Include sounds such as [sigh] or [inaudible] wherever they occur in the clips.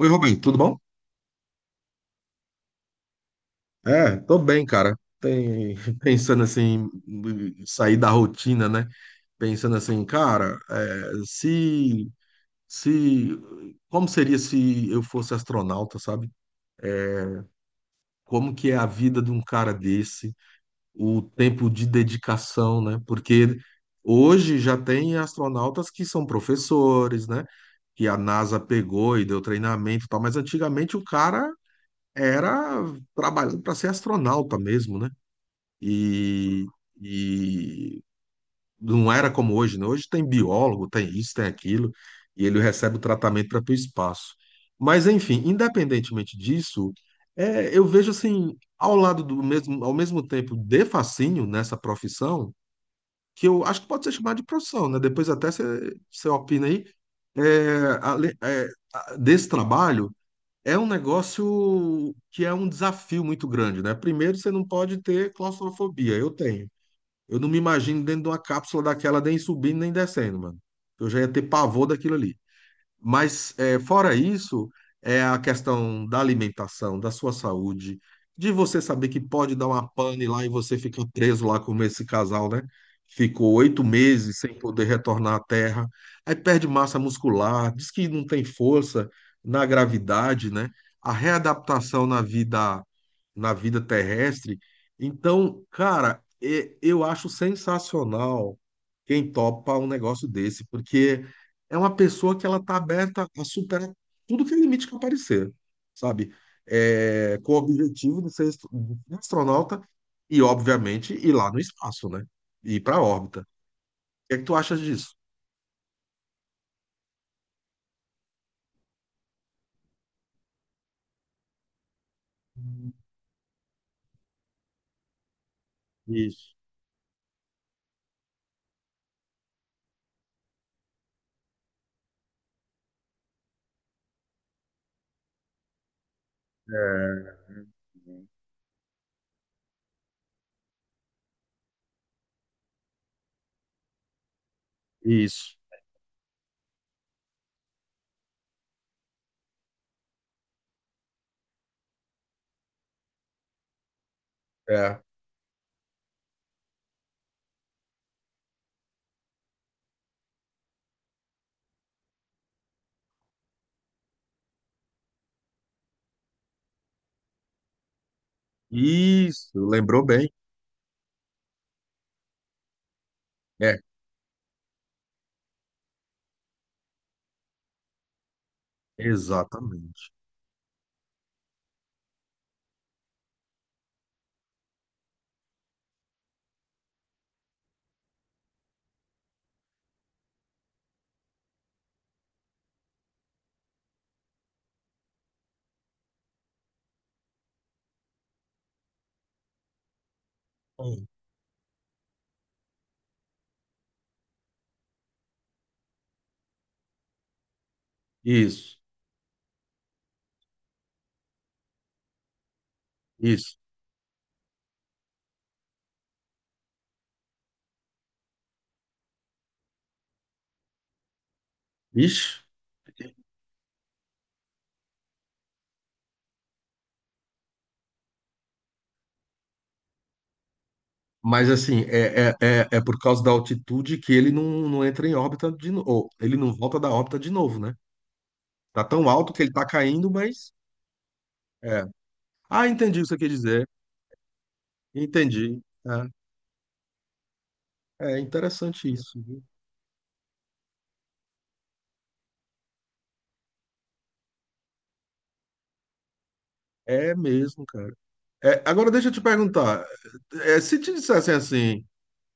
Oi, Rubem, tudo bom? É, tô bem, cara. [laughs] Pensando assim, em sair da rotina, né? Pensando assim, cara, é, se, como seria se eu fosse astronauta, sabe? Como que é a vida de um cara desse? O tempo de dedicação, né? Porque hoje já tem astronautas que são professores, né? Que a NASA pegou e deu treinamento e tal, mas antigamente o cara era trabalhando para ser astronauta mesmo, né? e, e não era como hoje, né? Hoje tem biólogo, tem isso, tem aquilo, e ele recebe o tratamento para o espaço. Mas, enfim, independentemente disso, eu vejo assim, ao lado do mesmo, ao mesmo tempo de fascínio nessa profissão, que eu acho que pode ser chamada de profissão, né? Depois até você opina aí, é, ale- é, desse trabalho. É um negócio que é um desafio muito grande, né? Primeiro, você não pode ter claustrofobia. Eu tenho. Eu não me imagino dentro de uma cápsula daquela nem subindo nem descendo, mano. Eu já ia ter pavor daquilo ali. Mas, fora isso, é a questão da alimentação, da sua saúde, de você saber que pode dar uma pane lá e você fica preso lá como esse casal, né? Ficou 8 meses sem poder retornar à Terra, aí perde massa muscular, diz que não tem força na gravidade, né? A readaptação na vida terrestre. Então, cara, eu acho sensacional quem topa um negócio desse, porque é uma pessoa que ela tá aberta a superar tudo que é limite que aparecer, sabe? É, com o objetivo de ser astronauta e, obviamente, ir lá no espaço, né? Ir para a órbita. O que é que tu achas disso? Isso. É, isso. É. Isso. Lembrou bem. É, exatamente. Hum. Isso. Isso. Ixi. Mas assim, é por causa da altitude que ele não entra em órbita de novo. Ele não volta da órbita de novo, né? Tá tão alto que ele tá caindo, mas. É. Ah, entendi o que você quer dizer. Entendi. É interessante isso, viu? É mesmo, cara. Agora deixa eu te perguntar. Se te dissessem assim,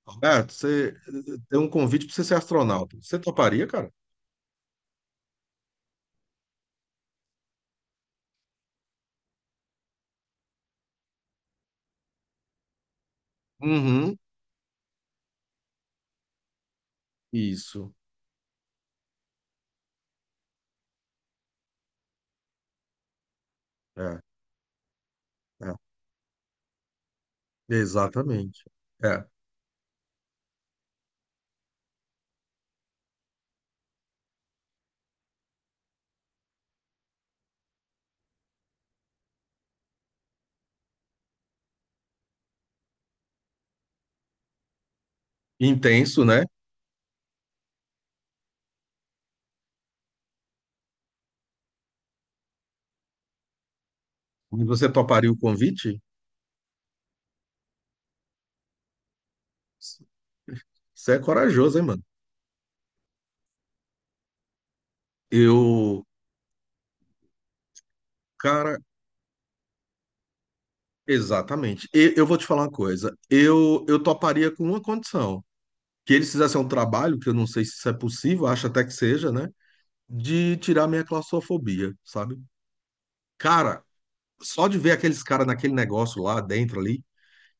Roberto, você tem um convite para você ser astronauta, você toparia, cara? Uhum. Isso. É, é. Exatamente. É. Intenso, né? Mas você toparia o convite? Você é corajoso, hein, mano? Eu, cara, exatamente. Eu vou te falar uma coisa. Eu toparia com uma condição, que eles fizessem um trabalho, que eu não sei se isso é possível, acho até que seja, né? De tirar minha claustrofobia, sabe? Cara, só de ver aqueles caras naquele negócio lá dentro ali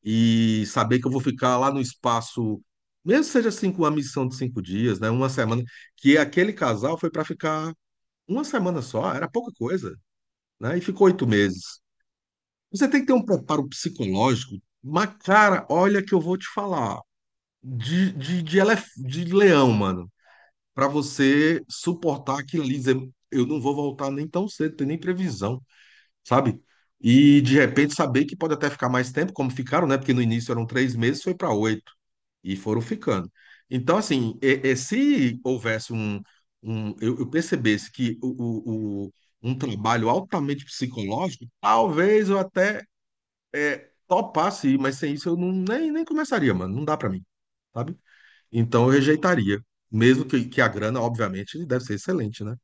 e saber que eu vou ficar lá no espaço, mesmo que seja assim, com uma missão de 5 dias, né? Uma semana, que aquele casal foi pra ficar uma semana só, era pouca coisa, né? E ficou 8 meses. Você tem que ter um preparo psicológico, mas, cara, olha que eu vou te falar, de leão, mano, pra você suportar aquilo ali, dizer, eu não vou voltar nem tão cedo, tem nem previsão, sabe? E de repente saber que pode até ficar mais tempo, como ficaram, né? Porque no início eram 3 meses, foi para oito, e foram ficando. Então, assim, se houvesse eu percebesse que um trabalho altamente psicológico, talvez eu até topar sim, mas sem isso eu não, nem começaria, mano. Não dá pra mim, sabe? Então eu rejeitaria. Mesmo que a grana, obviamente, deve ser excelente, né?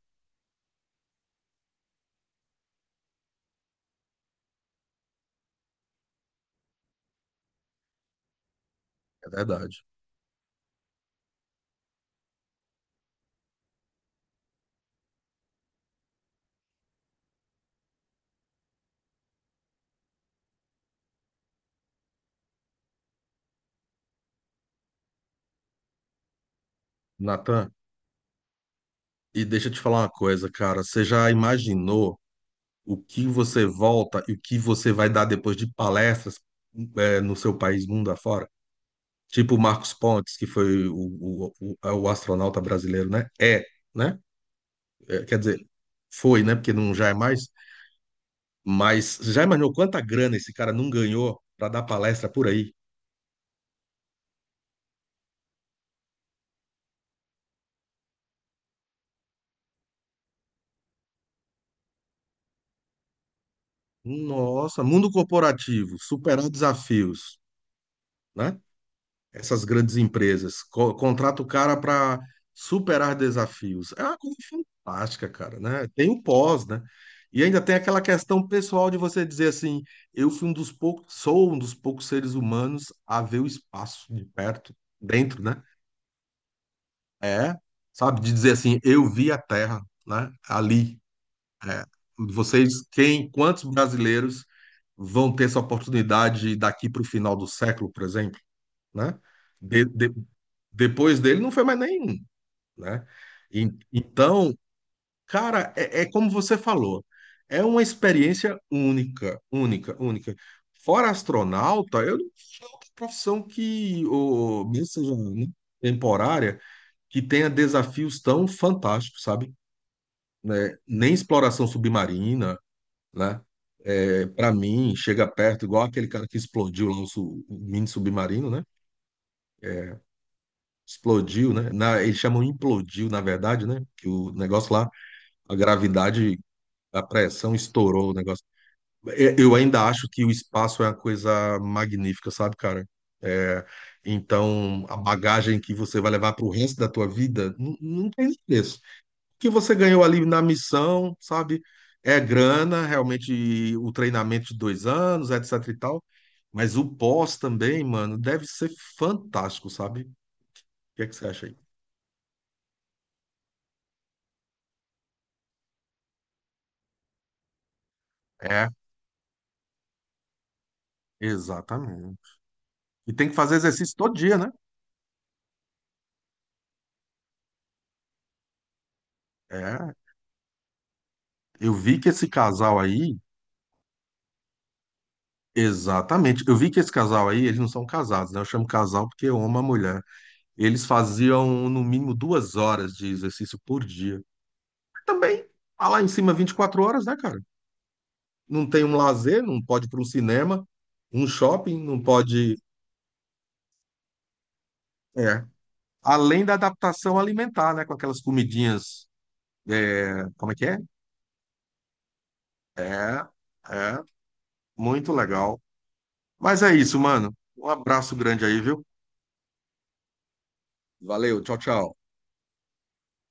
É verdade. Natan, e deixa eu te falar uma coisa, cara. Você já imaginou o que você volta e o que você vai dar depois de palestras no seu país, mundo afora? Tipo o Marcos Pontes, que foi é o astronauta brasileiro, né? É, né? É, quer dizer, foi, né? Porque não já é mais. Mas você já imaginou quanta grana esse cara não ganhou para dar palestra por aí? Nossa, mundo corporativo, superar desafios, né? Essas grandes empresas contrata o cara para superar desafios. É uma coisa fantástica, cara, né? Tem o pós, né? E ainda tem aquela questão pessoal de você dizer assim, eu fui um dos poucos, sou um dos poucos seres humanos a ver o espaço de perto, dentro, né? É, sabe, de dizer assim, eu vi a Terra, né? Ali. É, vocês, quem, quantos brasileiros vão ter essa oportunidade daqui para o final do século, por exemplo, né? De- de- depois dele não foi mais nenhum, né? Então, cara, como você falou, é uma experiência única, única, única. Fora astronauta, eu não tenho profissão que, ou, mesmo seja né, temporária, que tenha desafios tão fantásticos, sabe? Né? Nem exploração submarina, né? É, para mim, chega perto, igual aquele cara que explodiu lá o, o mini submarino, né? Explodiu, né? Na, eles chamam implodiu, na verdade, né? Que o negócio lá, a gravidade, a pressão estourou o negócio. Eu ainda acho que o espaço é uma coisa magnífica, sabe, cara? É, então, a bagagem que você vai levar para o resto da tua vida não, não tem preço, que você ganhou ali na missão, sabe? É grana, realmente o treinamento de 2 anos, etc e tal. Mas o pós também, mano, deve ser fantástico, sabe? O que é que você acha aí? É, exatamente. E tem que fazer exercício todo dia, né? É. Eu vi que esse casal aí, exatamente. Eu vi que esse casal aí, eles não são casados, né? Eu chamo casal porque eu amo a mulher. Eles faziam no mínimo 2 horas de exercício por dia. Também, tá lá em cima, 24 horas, né, cara? Não tem um lazer, não pode ir para um cinema, um shopping, não pode. É. Além da adaptação alimentar, né? Com aquelas comidinhas. Como é que é? É, é, muito legal. Mas é isso, mano. Um abraço grande aí, viu? Valeu, tchau, tchau.